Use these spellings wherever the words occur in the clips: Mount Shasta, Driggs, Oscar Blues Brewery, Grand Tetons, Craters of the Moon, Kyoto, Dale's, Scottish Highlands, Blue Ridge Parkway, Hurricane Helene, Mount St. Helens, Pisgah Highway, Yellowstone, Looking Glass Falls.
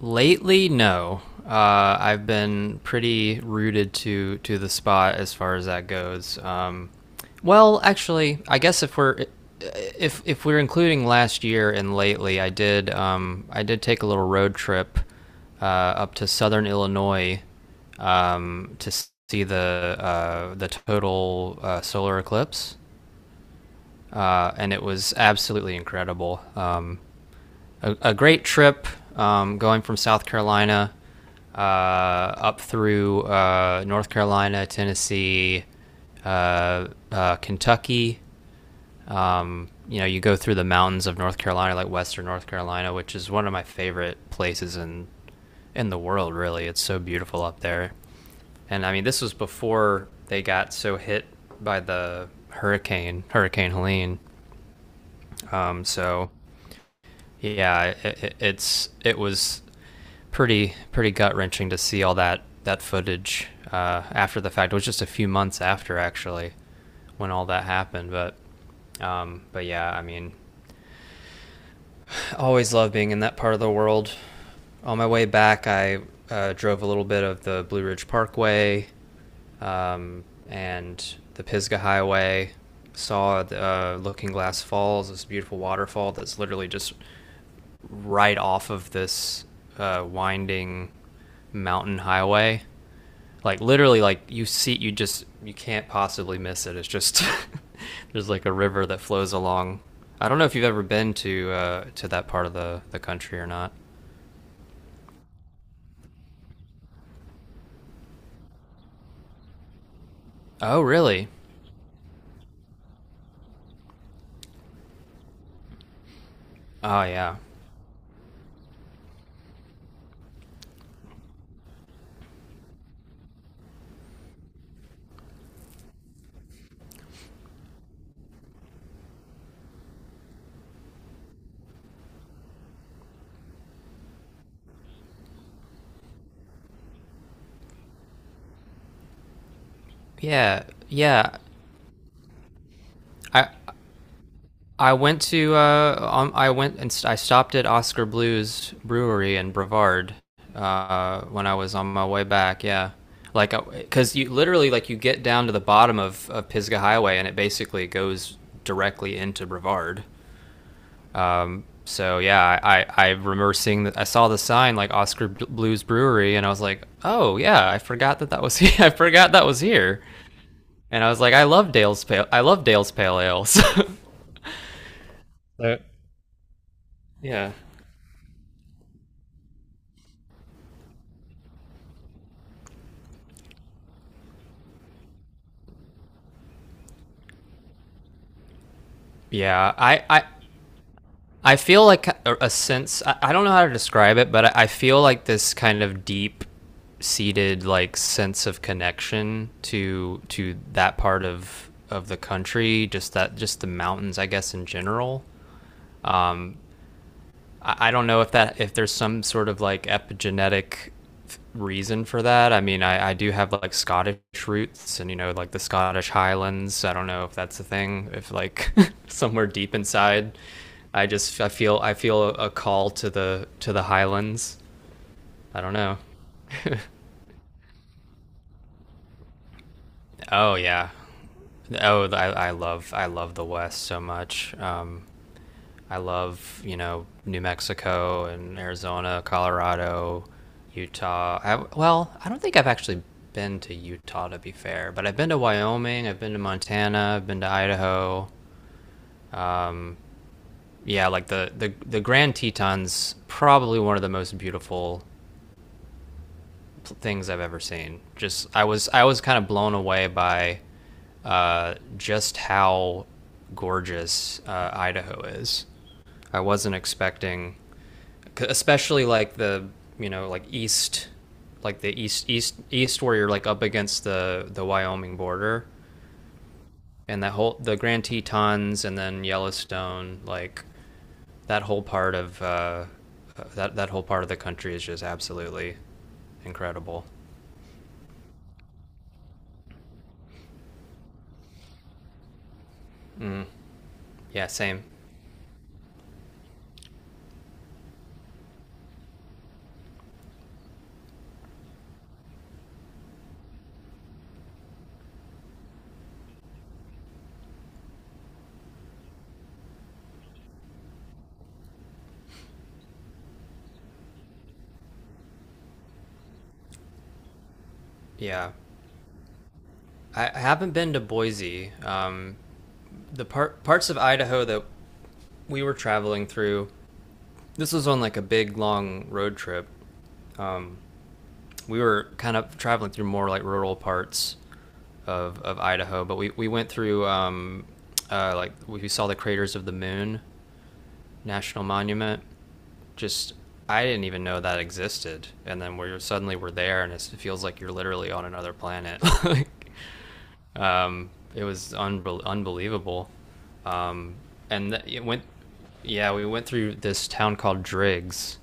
Lately, no. I've been pretty rooted to the spot as far as that goes. Well, actually, I guess if we're if we're including last year and lately, I did take a little road trip up to Southern Illinois to see the total solar eclipse, and it was absolutely incredible. A great trip going from South Carolina uh, up through North Carolina, Tennessee, Kentucky. You know, you go through the mountains of North Carolina, like Western North Carolina, which is one of my favorite places in the world. Really, it's so beautiful up there. And I mean, this was before they got so hit by the hurricane, Hurricane Helene. So yeah, it was pretty gut wrenching to see all that footage after the fact. It was just a few months after actually when all that happened, but yeah, I mean, always love being in that part of the world. On my way back, I drove a little bit of the Blue Ridge Parkway and the Pisgah Highway. Saw the, Looking Glass Falls, this beautiful waterfall that's literally just right off of this winding mountain highway. Like literally, like you see, you can't possibly miss it. It's just there's like a river that flows along. I don't know if you've ever been to that part of the country or not. Oh, really? Oh, yeah, yeah, yeah. I I went to I went and st- I stopped at Oscar Blues Brewery in Brevard when I was on my way back. Yeah, like because you literally like you get down to the bottom of Pisgah Highway and it basically goes directly into Brevard. So yeah, I remember seeing that I saw the sign like Oscar Blues Brewery and I was like, oh yeah, I forgot that that was here. I forgot that was here. And I was like, I love Dale's pale ales. Yeah. Yeah, I feel like a sense. I don't know how to describe it, but I feel like this kind of deep seated like sense of connection to that part of the country. Just that, just the mountains, I guess, in general. I don't know if there's some sort of like epigenetic reason for that. I mean, I do have like Scottish roots, and you know, like the Scottish Highlands. I don't know if that's a thing. If like somewhere deep inside, I feel I feel a call to the Highlands. I don't know. Oh yeah. Oh, I love the West so much. I love, you know, New Mexico and Arizona, Colorado, Utah. I, well, I don't think I've actually been to Utah to be fair, but I've been to Wyoming, I've been to Montana, I've been to Idaho. Yeah, like the Grand Tetons probably one of the most beautiful things I've ever seen. Just I was kind of blown away by just how gorgeous Idaho is. I wasn't expecting, especially like the you know like east, like the east where you're like up against the Wyoming border and that whole the Grand Tetons and then Yellowstone like that whole part of that that whole part of the country is just absolutely incredible. Mm, yeah, same. Yeah, I haven't been to Boise. The parts of Idaho that we were traveling through. This was on like a big long road trip. Um, we were kind of traveling through more like rural parts of Idaho, but we went through like we saw the craters of the moon national monument. Just I didn't even know that existed, and then we're there, and it feels like you're literally on another planet. Like, it was unbelievable. Um, and it went, yeah, we went through this town called Driggs.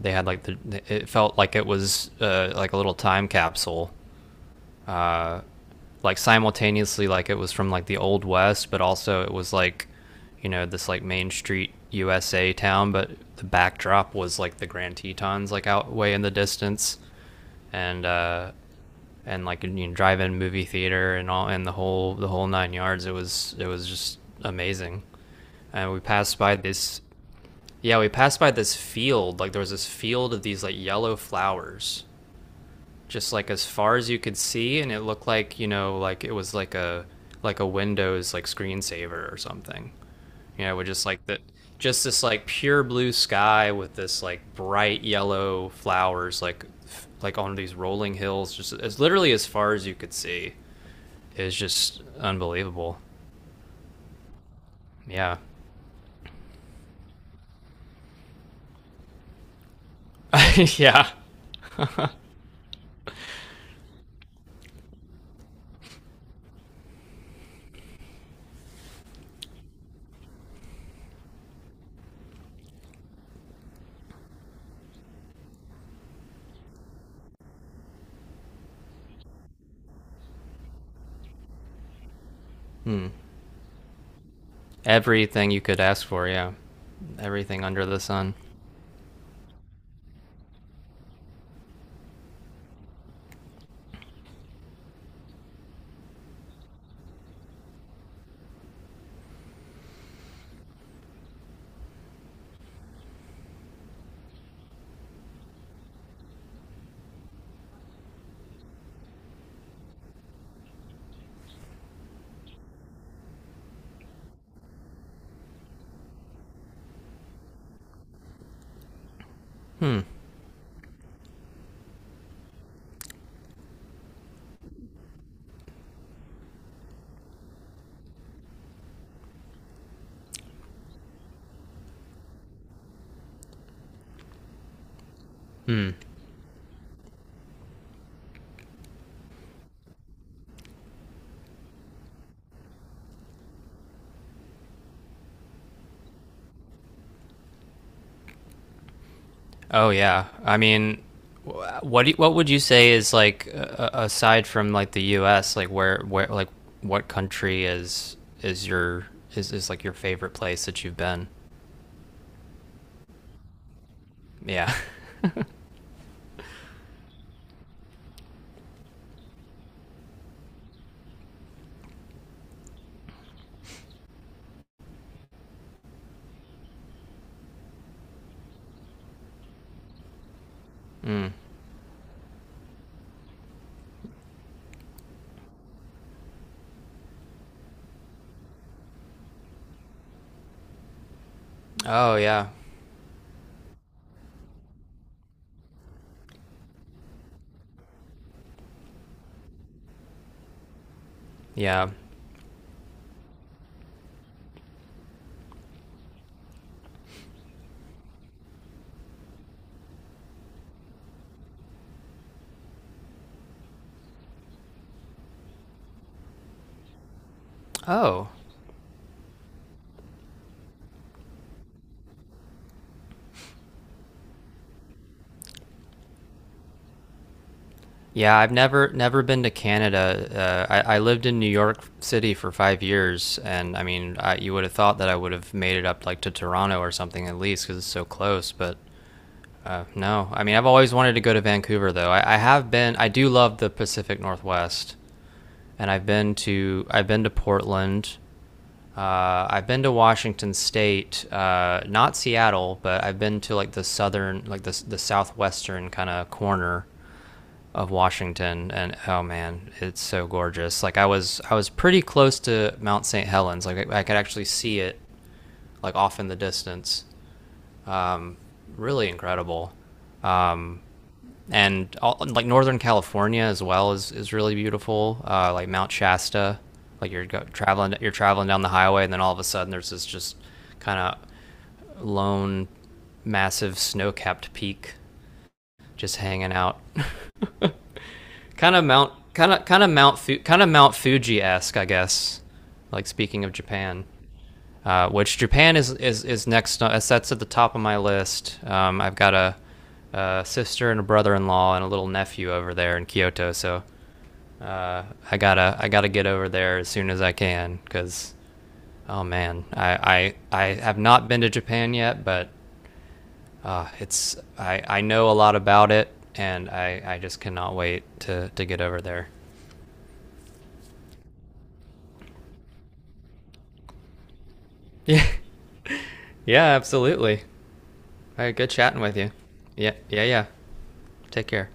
They had like the it felt like it was like a little time capsule, uh, like simultaneously like it was from like the old west, but also it was like, you know, this like main street usa town, but the backdrop was like the Grand Tetons like out way in the distance, and uh and like, you know, drive-in movie theater and all, and the whole 9 yards. It was it was just amazing. And we passed by this, yeah, we passed by this field like there was this field of these like yellow flowers just like as far as you could see, and it looked like, you know, like it was like a Windows like screensaver or something. You know, with just like the just this like pure blue sky with this like bright yellow flowers like on these rolling hills just as literally as far as you could see. It was just unbelievable. Yeah. Yeah. Hmm. Everything you could ask for, yeah. Everything under the sun. Hmm. Hmm. Oh yeah. I mean, what do what would you say is like aside from like the U.S., like where like what country is your is like your favorite place that you've been? Yeah. Mm. Oh yeah. Yeah. Oh. Yeah, I've never been to Canada. I lived in New York City for 5 years, and I mean, I, you would have thought that I would have made it up like to Toronto or something at least because it's so close. But uh, no, I mean I've always wanted to go to Vancouver though. I have been. I do love the Pacific Northwest, and I've been to Portland. I've been to Washington State, not Seattle, but I've been to like the southern, like the southwestern kind of corner of Washington, and oh man, it's so gorgeous. Like I was pretty close to Mount St. Helens. Like I could actually see it like off in the distance. Um, really incredible. Um, and all, like Northern California as well is really beautiful. Like Mount Shasta, like traveling you're traveling down the highway, and then all of a sudden there's this just kind of lone, massive snow-capped peak just hanging out. Kind of Mount Mount Fuji-esque, I guess. Like speaking of Japan, which Japan is is next. That's at the top of my list. I've got a sister and a brother-in-law and a little nephew over there in Kyoto. So uh, I gotta get over there as soon as I can because oh man, I have not been to Japan yet, but it's I know a lot about it, and I just cannot wait to get over there. Yeah, yeah, absolutely. All right, good chatting with you. Yeah, yeah, yeah. Take care.